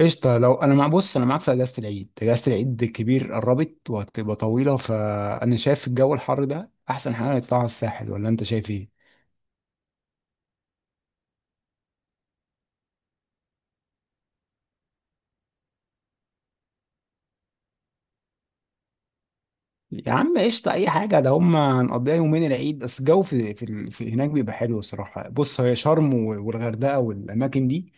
قشطة. لو أنا بص أنا معاك في أجازة العيد الكبير قربت وهتبقى طويلة، فأنا شايف الجو الحر ده أحسن حاجة نطلع على الساحل، ولا أنت شايف إيه؟ يا عم قشطة، أي حاجة، ده هما هنقضيها يومين العيد بس. الجو في هناك بيبقى حلو الصراحة. بص، هي شرم والغردقة والأماكن دي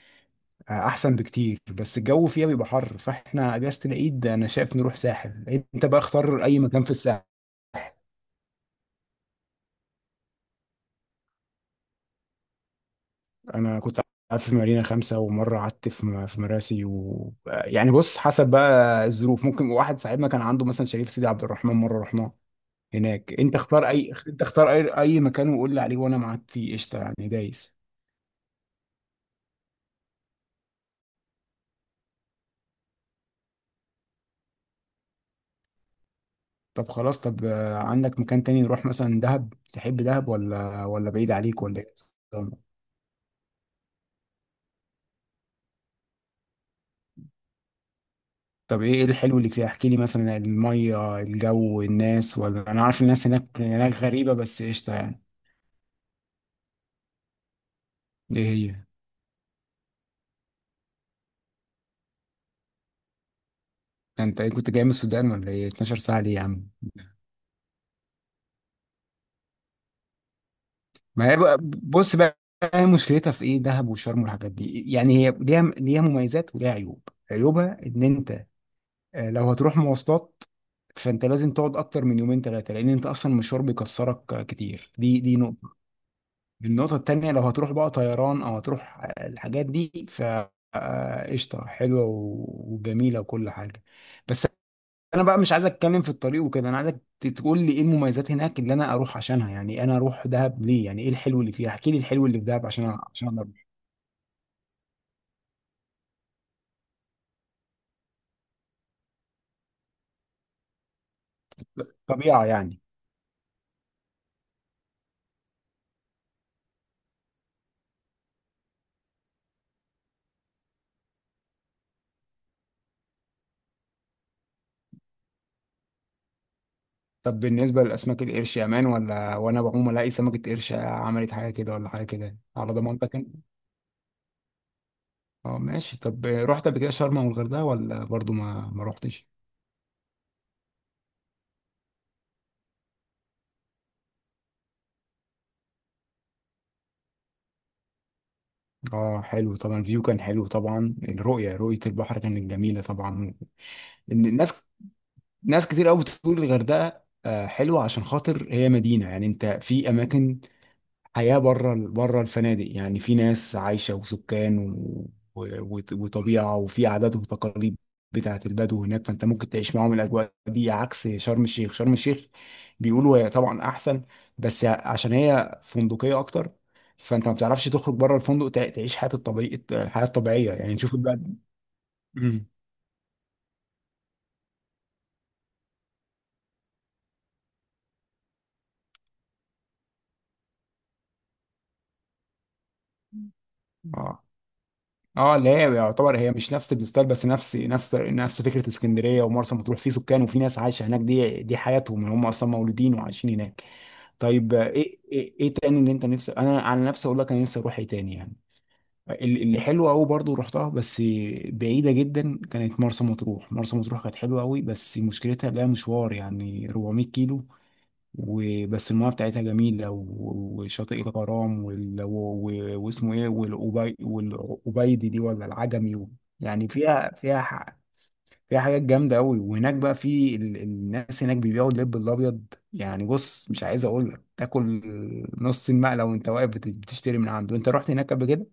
أحسن بكتير، بس الجو فيها بيبقى حر، فإحنا أجازة العيد أنا شايف نروح ساحل. أنت بقى اختار أي مكان في الساحل. انا كنت قعدت في مارينا خمسة، ومرة قعدت في في مراسي، و يعني بص حسب بقى الظروف، ممكن واحد صاحبنا كان عنده مثلا شريف سيدي عبد الرحمن مرة رحناه هناك. انت اختار اي مكان وقول لي عليه وانا معاك فيه قشطة يعني دايس. طب خلاص، طب عندك مكان تاني نروح مثلا دهب؟ تحب دهب ولا بعيد عليك ولا ايه؟ طب ايه إيه الحلو اللي فيها، احكي لي مثلا المية، الجو، الناس، ولا انا عارف الناس هناك هناك غريبة بس قشطة يعني. ايه هي؟ انت ايه كنت جاي من السودان ولا ايه؟ 12 ساعة ليه يا عم؟ ما هي بقى- بص بقى، هي مشكلتها في ايه دهب وشرم والحاجات دي؟ يعني هي ليها مميزات وليها عيوب. عيوبها ان انت لو هتروح مواصلات، فانت لازم تقعد اكتر من يومين ثلاثة، لان انت اصلا المشوار بيكسرك كتير. دي نقطة. النقطة التانية، لو هتروح بقى طيران او هتروح الحاجات دي، ف قشطة، حلوة وجميلة وكل حاجة. بس انا بقى مش عايز اتكلم في الطريق وكده، انا عايزك تقول لي ايه المميزات هناك اللي انا اروح عشانها. يعني انا اروح دهب ليه؟ يعني ايه الحلو اللي فيها؟ احكي لي الحلو اللي في دهب عشان عشان أنا اروح. طبيعه يعني. طب بالنسبه لاسماك القرش يا مان، ولا وانا بعوم الاقي سمكه قرش عملت حاجه كده ولا حاجه كده، على ضمانتك انت؟ اه ماشي. طب رحت قبل كده شرم والغردقه ولا برضو ما رحتش؟ اه حلو طبعا، الفيو كان حلو طبعا، الرؤيه، البحر كانت جميله طبعا. الناس، ناس كتير قوي بتقول الغردقه حلوه، عشان خاطر هي مدينه. يعني انت في اماكن، حياه بره الفنادق. يعني في ناس عايشه وسكان و... و... وطبيعه، وفي عادات وتقاليد بتاعت البدو هناك، فانت ممكن تعيش معاهم الاجواء دي عكس شرم الشيخ. شرم الشيخ بيقولوا هي طبعا احسن، بس عشان هي فندقيه اكتر، فانت ما بتعرفش تخرج بره الفندق تعيش حياه الطبيعيه الحياه الطبيعيه. يعني نشوف بقى. اه اللي هي يعتبر هي مش نفس الستايل، بس نفس فكره اسكندريه ومرسى مطروح، في سكان وفي ناس عايشه هناك. دي حياتهم يعني، هم اصلا مولودين وعايشين هناك. طيب إيه تاني اللي انت نفسك؟ انا على نفسي اقول لك، انا نفسي اروح ايه تاني يعني. اللي حلو قوي برضو رحتها بس بعيده جدا، كانت مرسى مطروح. مرسى مطروح كانت حلوه قوي، بس مشكلتها لها مشوار يعني 400 كيلو. وبس المياه بتاعتها جميلة وشاطئ الغرام، وال... و... و... واسمه ايه، والأبي... والأبيدي دي، ولا العجمي و... يعني فيها ح... فيها حاجات جامدة أوي. وهناك بقى في ال... الناس هناك بيبيعوا اللب الأبيض. يعني بص، مش عايز أقول لك تاكل نص المقلة وأنت واقف بتشتري من عنده. أنت رحت هناك قبل كده؟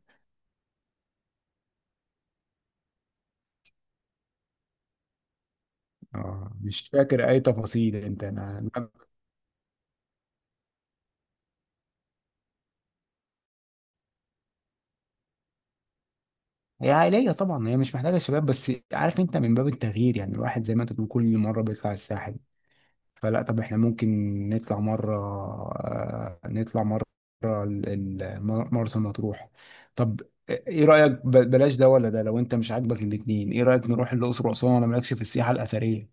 اه مش فاكر أي تفاصيل أنت، أنا هي عائلية طبعا، هي مش محتاجة شباب. بس عارف، أنت من باب التغيير يعني، الواحد زي ما أنت بتقول كل مرة بيطلع الساحل، فلا. طب احنا ممكن نطلع مرة آه، نطلع مرة ال- ال- مرسى مطروح. طب ايه رأيك؟ بلاش ده ولا ده؟ لو انت مش عاجبك الاتنين، ايه رأيك نروح الأقصر وأسوان، ولا مالكش في السياحة الأثرية؟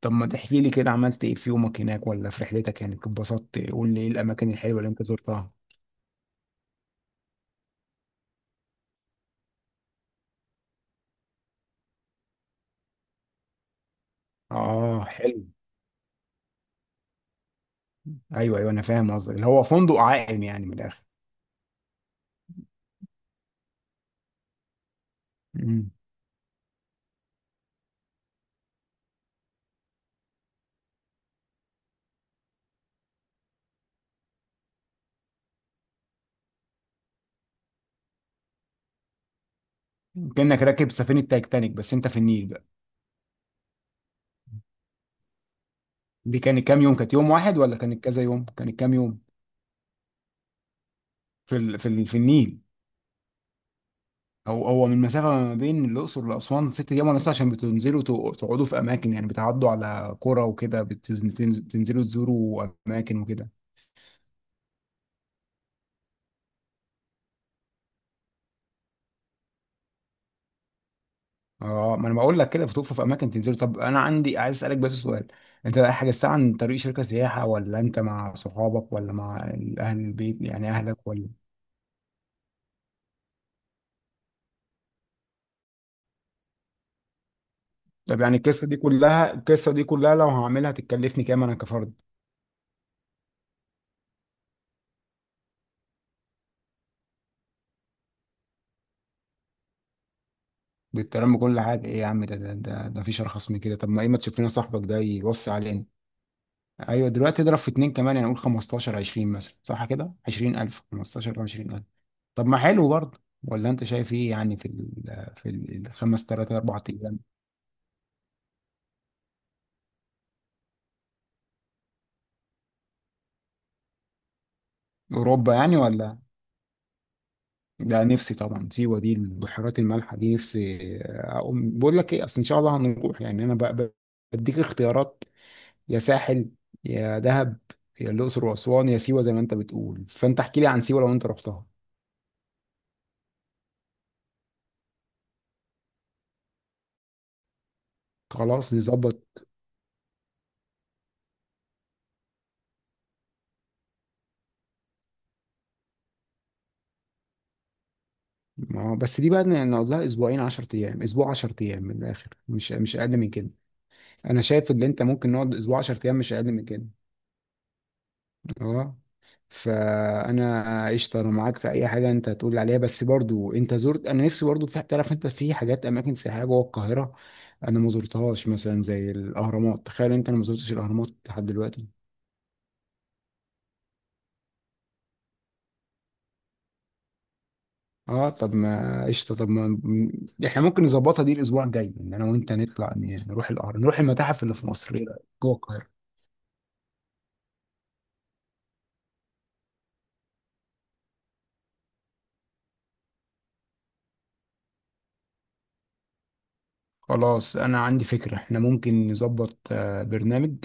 طب ما تحكي لي كده، عملت ايه في يومك هناك ولا في رحلتك؟ يعني اتبسطت إيه؟ قول لي ايه الأماكن الحلوة اللي انت زرتها. اه حلو. ايوه ايوه انا فاهم قصدك، اللي هو فندق عائم يعني من الآخر. مم. كأنك راكب سفينة تايتانيك بس انت في النيل بقى. دي كانت كام يوم؟ كانت يوم واحد ولا كانت كذا يوم؟ كانت كام يوم؟ في ال... في ال... في النيل؟ هو هو من مسافه ما بين الاقصر لاسوان ست ايام ونص، عشان بتنزلوا تقعدوا في اماكن، يعني بتعدوا على قرى وكده، بتنزلوا تزوروا اماكن وكده. اه ما انا بقول لك كده، بتقفوا في اماكن تنزلوا. طب انا عندي عايز اسالك بس سؤال، انت بقى حجزتها عن طريق شركه سياحه، ولا انت مع صحابك، ولا مع اهل البيت يعني اهلك ولا؟ طب يعني القصه دي كلها لو هعملها تكلفني كام انا كفرد؟ بالكلام بكل حاجه؟ ايه يا عم ده مفيش ارخص من كده. طب ما ايه، ما تشوف لنا صاحبك ده يوصي علينا. ايوه دلوقتي اضرب في اتنين كمان، يعني قول 15 20 مثلا، صح كده، 20,000 15,000 20,000. طب ما حلو برضه، ولا انت شايف ايه؟ يعني في ال في الخمس ثلاث اربع ايام. اوروبا يعني ولا؟ لا، نفسي طبعا. سيوه دي البحيرات المالحه دي، نفسي. اقوم بقول لك ايه، اصل ان شاء الله هنروح يعني، انا بديك اختيارات: يا ساحل، يا دهب، يا الاقصر واسوان، يا سيوه. زي ما انت بتقول، فانت احكي لي عن سيوه لو انت رحتها. خلاص نظبط. ما هو بس دي بقى نقول لها اسبوعين 10 ايام، اسبوع 10 ايام من الاخر، مش اقل من كده. انا شايف ان انت ممكن نقعد اسبوع 10 ايام، مش اقل من كده. اه. فانا قشطه، انا معاك في اي حاجه انت هتقول عليها، بس برضو انت زرت، انا نفسي برضو، في تعرف انت في حاجات اماكن سياحيه جوه القاهره انا ما زرتهاش، مثلا زي الاهرامات. تخيل انت، انا ما زرتش الاهرامات لحد دلوقتي. اه طب ما قشطه، طب ما احنا ممكن نظبطها دي الاسبوع الجاي، ان انا وانت نطلع نروح الاهرام، نروح المتاحف اللي في مصر. إيه رأيك؟ جوه القاهره. خلاص انا عندي فكره، احنا ممكن نظبط برنامج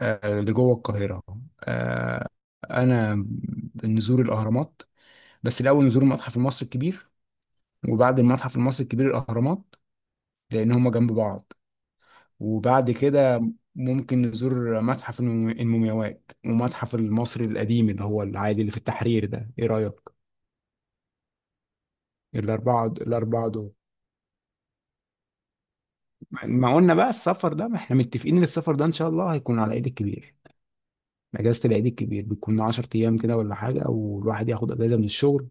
لجوه القاهره. آه، انا نزور الاهرامات، بس الاول نزور المتحف المصري الكبير. وبعد المتحف المصري الكبير الاهرامات، لان هما جنب بعض. وبعد كده ممكن نزور متحف المومياوات، ومتحف المصري القديم اللي هو العادي اللي في التحرير ده. ايه رايك؟ الاربعه دول، ما قلنا بقى السفر ده، ما احنا متفقين ان السفر ده ان شاء الله هيكون على ايد الكبير. اجازه العيد الكبير بتكون 10 ايام كده ولا حاجه، والواحد ياخد اجازه من الشغل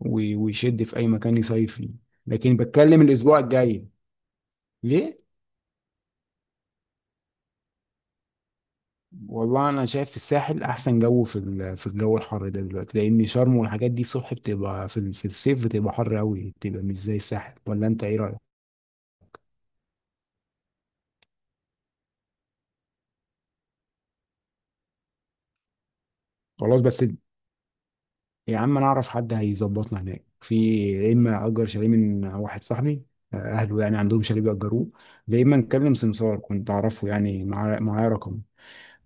ويشد في اي مكان يصيف فيه. لكن بتكلم الاسبوع الجاي ليه؟ والله انا شايف في الساحل احسن جو في في الجو الحر ده دلوقتي، لان شرم والحاجات دي صبح بتبقى في في الصيف بتبقى حر قوي، بتبقى مش زي الساحل. ولا انت ايه رايك؟ خلاص بس يا عم، انا اعرف حد هيظبطنا هناك، في يا اما اجر شاليه من واحد صاحبي، اهله يعني عندهم شاليه بيأجروه، يا اما نكلم سمسار كنت اعرفه يعني معاه رقم.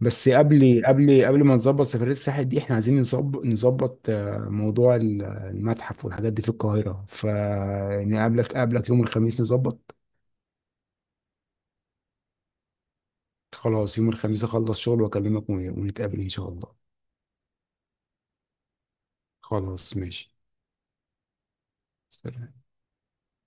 بس قبل ما نظبط سفرية الساحل دي، احنا عايزين نظبط موضوع المتحف والحاجات دي في القاهرة. فنقابلك، يوم الخميس نظبط. خلاص يوم الخميس اخلص شغل واكلمك ونتقابل ان شاء الله. خلاص ماشي. سلام.